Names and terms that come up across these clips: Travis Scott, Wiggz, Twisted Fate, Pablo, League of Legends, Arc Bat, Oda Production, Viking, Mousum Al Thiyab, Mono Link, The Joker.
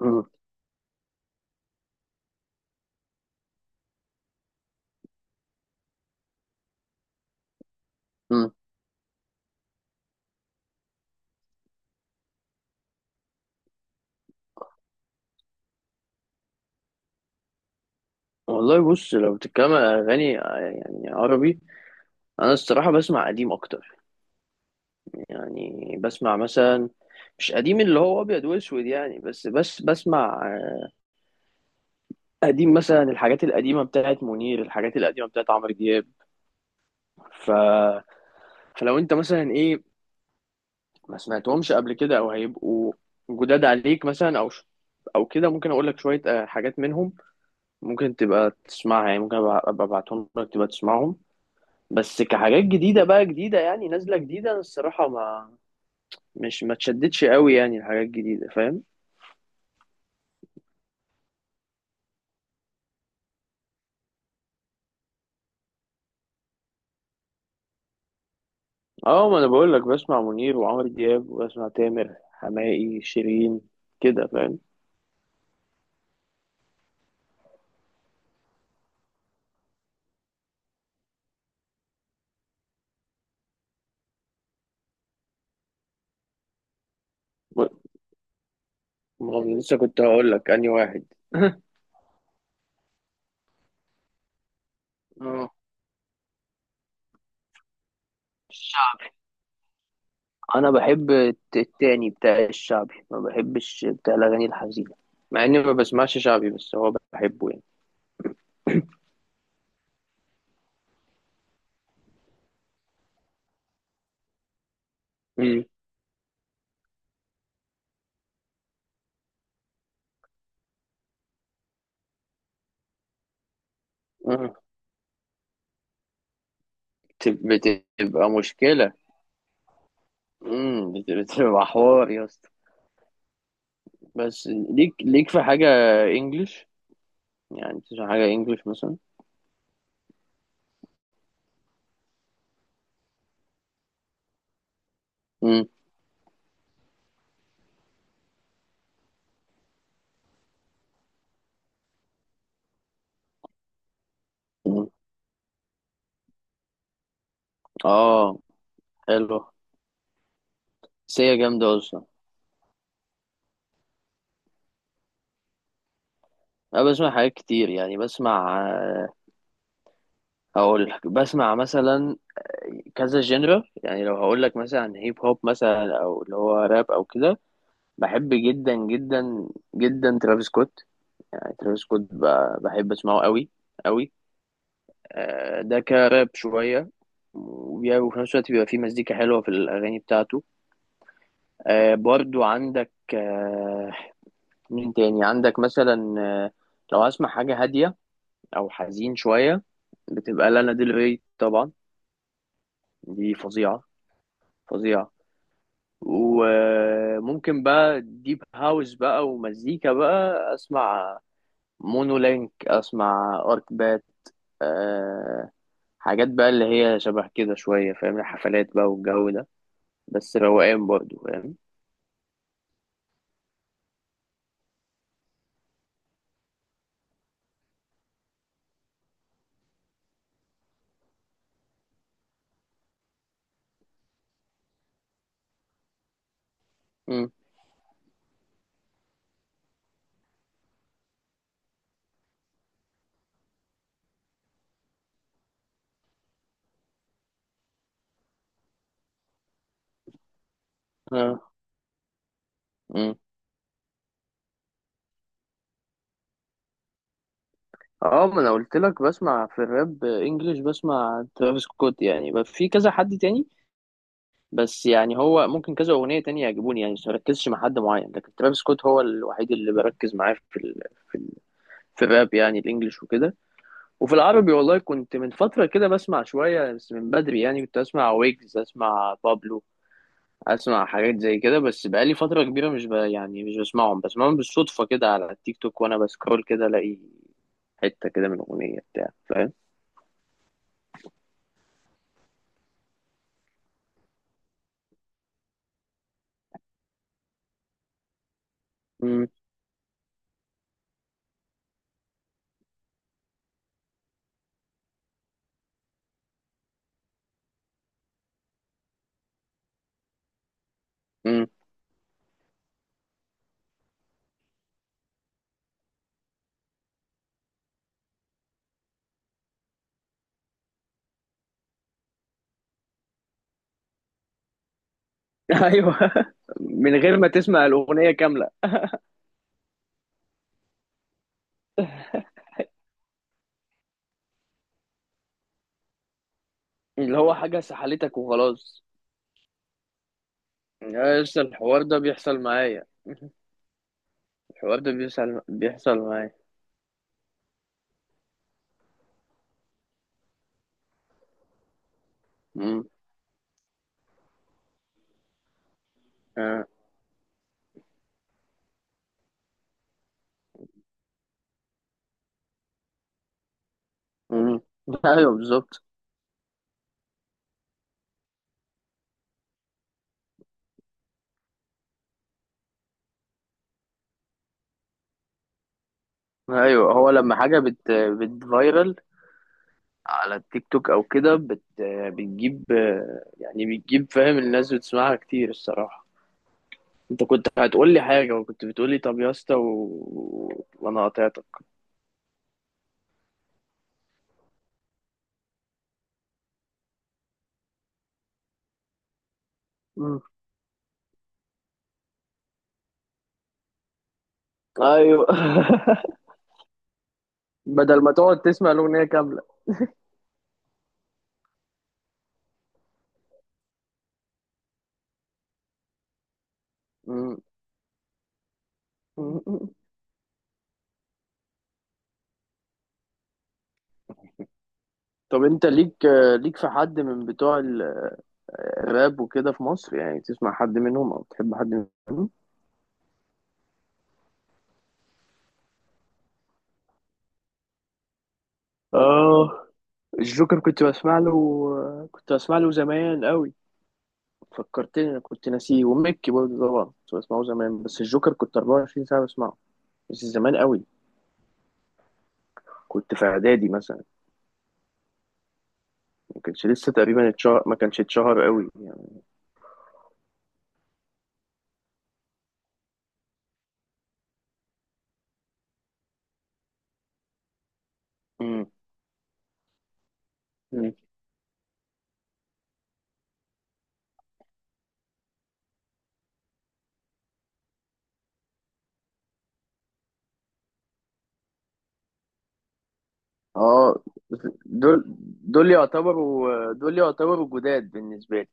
مم. مم. والله بص، لو بتتكلم على أغاني يعني عربي، أنا الصراحة بسمع قديم أكتر. يعني بسمع مثلا مش قديم اللي هو أبيض وأسود يعني بس بسمع قديم، مثلا الحاجات القديمة بتاعت منير، الحاجات القديمة بتاعت عمرو دياب. ف... فلو أنت مثلا إيه ما سمعتهمش قبل كده أو هيبقوا جداد عليك مثلا أو كده، ممكن أقول لك شوية حاجات منهم ممكن تبقى تسمعها. يعني ممكن أبقى أبعتهم لك تبقى تسمعهم، بس كحاجات جديدة بقى جديدة، يعني نازلة جديدة. أنا الصراحة ما مش ما تشددش قوي يعني الحاجات الجديدة، فاهم. اه ما انا بقول لك بسمع منير وعمرو دياب وبسمع تامر حماقي شيرين كده، فاهم. و- ما هو لسه كنت هقول لك انهي واحد. اه الشعبي. انا بحب التاني بتاع الشعبي، ما بحبش بتاع الاغاني الحزينة. مع اني ما بسمعش شعبي بس هو بحبه يعني. مم. مم. بتبقى مشكلة. بتبقى حوار يا اسطى. بس ليك في حاجة انجلش، يعني تسمع حاجة انجلش مثلا؟ مم. مم. اه حلو. سيا جامدة اصلا. انا بسمع حاجات كتير، يعني بسمع هقول لك بسمع مثلا كذا جنرا. يعني لو هقول لك مثلا هيب هوب، مثلا او اللي هو راب او كده، بحب جدا جدا جدا ترافيس سكوت. يعني ترافيس سكوت بحب اسمعه قوي قوي. ده كراب شوية. وفي نفس الوقت بيبقى فيه مزيكا حلوة في الأغاني بتاعته. برضو عندك، مين تاني عندك مثلا، لو هسمع حاجة هادية أو حزين شوية، بتبقى لانا ديل ري طبعا. دي فظيعة فظيعة. وممكن بقى ديب هاوس بقى ومزيكا بقى أسمع، مونو لينك أسمع، أرك بات. آه حاجات بقى اللي هي شبه كده شوية، فاهم، الحفلات بقى والجو ده. بس روقان برضو، فاهم. مم. آه. اه ما انا قلت لك بسمع في الراب انجلش، بسمع ترافيس سكوت يعني. بس في كذا حد تاني، بس يعني هو ممكن كذا اغنيه تانية يعجبوني. يعني مش مركزش مع حد معين، لكن ترافيس سكوت هو الوحيد اللي بركز معاه في ال... في الراب، يعني الانجليش وكده. وفي العربي، والله كنت من فتره كده بسمع شويه، بس من بدري، يعني كنت اسمع ويجز، اسمع بابلو، اسمع حاجات زي كده. بس بقالي فتره كبيره مش ب... يعني مش بسمعهم بالصدفه كده على التيك توك، وانا بسكرول كده الاقي حته كده من اغنيه بتاع، فاهم. مم. ايوه، من غير ما تسمع الاغنيه كامله، اللي هو حاجه سحلتك وخلاص. يا لسه الحوار ده بيحصل معايا. الحوار ده بيحصل معايا. مم. آه. مم. ايوه بالظبط. ايوه هو لما حاجه بتفايرل على التيك توك او كده، بتجيب، يعني بتجيب، فاهم، الناس بتسمعها كتير الصراحه. انت كنت هتقول لي حاجه، وكنت بتقول لي طب يا اسطى، وانا قاطعتك. مم. ايوه. بدل ما تقعد تسمع الأغنية كاملة. مم. طب أنت ليك في حد من بتوع الراب وكده في مصر، يعني تسمع حد منهم أو تحب حد منهم؟ آه الجوكر، كنت بسمع له زمان قوي. فكرتني، أنا كنت ناسيه. وميكي برضه طبعا كنت بسمعه زمان، بس الجوكر كنت 24 ساعة بسمعه. بس زمان قوي، كنت في إعدادي مثلا، ما كانش لسه تقريبا اتشهر، ما كانش اتشهر قوي يعني. مم. اه دول دول يعتبروا جداد بالنسبه لي.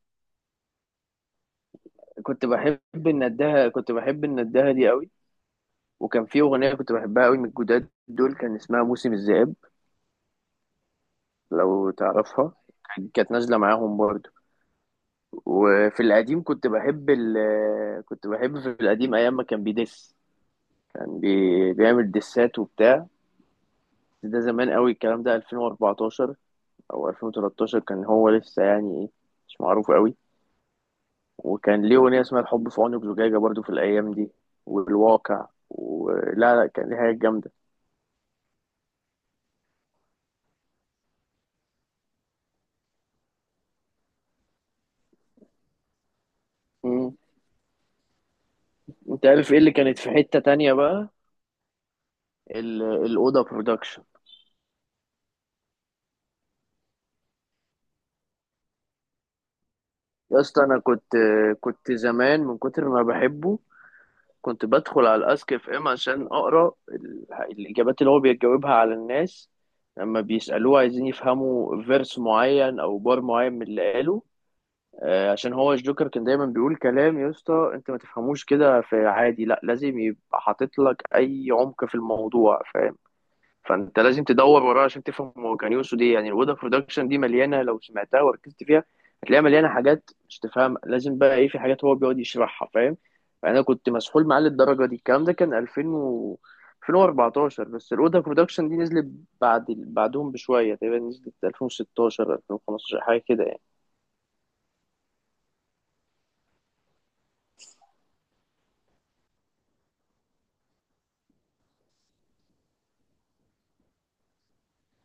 كنت بحب الندهه دي قوي. وكان في اغنيه كنت بحبها قوي من الجداد دول، كان اسمها موسم الذئاب، لو تعرفها. كانت نازله معاهم برضو. وفي القديم كنت بحب كنت بحب في القديم، ايام ما كان بيدس، بيعمل دسات وبتاع. ده زمان قوي الكلام ده، 2014 او 2013، كان هو لسه يعني ايه، مش معروف قوي. وكان ليه أغنية اسمها الحب في عينك زجاجة، برضو في الأيام دي. والواقع، ولا لا كان ليها حاجات جامدة. مم. أنت عارف إيه اللي كانت في حتة تانية بقى؟ الأوضة برودكشن. يا اسطى أنا كنت زمان من كتر ما بحبه، كنت بدخل على الأسك اف ام عشان أقرأ الإجابات اللي هو بيجاوبها على الناس لما بيسألوه عايزين يفهموا فيرس معين أو بار معين من اللي قاله. عشان هو الجوكر كان دايما بيقول كلام يا اسطى انت ما تفهموش كده في عادي، لا لازم يبقى حاطط لك اي عمق في الموضوع، فاهم. فانت لازم تدور وراه عشان تفهم هو كان يقصد ايه. يعني الودا برودكشن دي مليانه، لو سمعتها وركزت فيها هتلاقيها مليانه حاجات مش تفهم، لازم بقى ايه، في حاجات هو بيقعد يشرحها، فاهم. فانا كنت مسحول معاه للدرجه دي. الكلام ده كان 2000 و 2014، بس الودا برودكشن دي نزلت بعد بعدهم بشويه، تقريبا نزلت 2016 2015 حاجه كده يعني.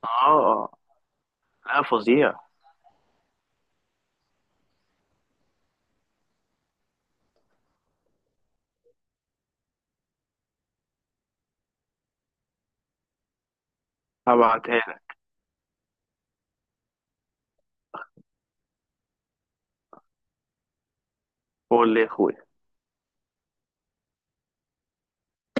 اه لا فظيع. هبعتها لك. قول لي يا اخويا.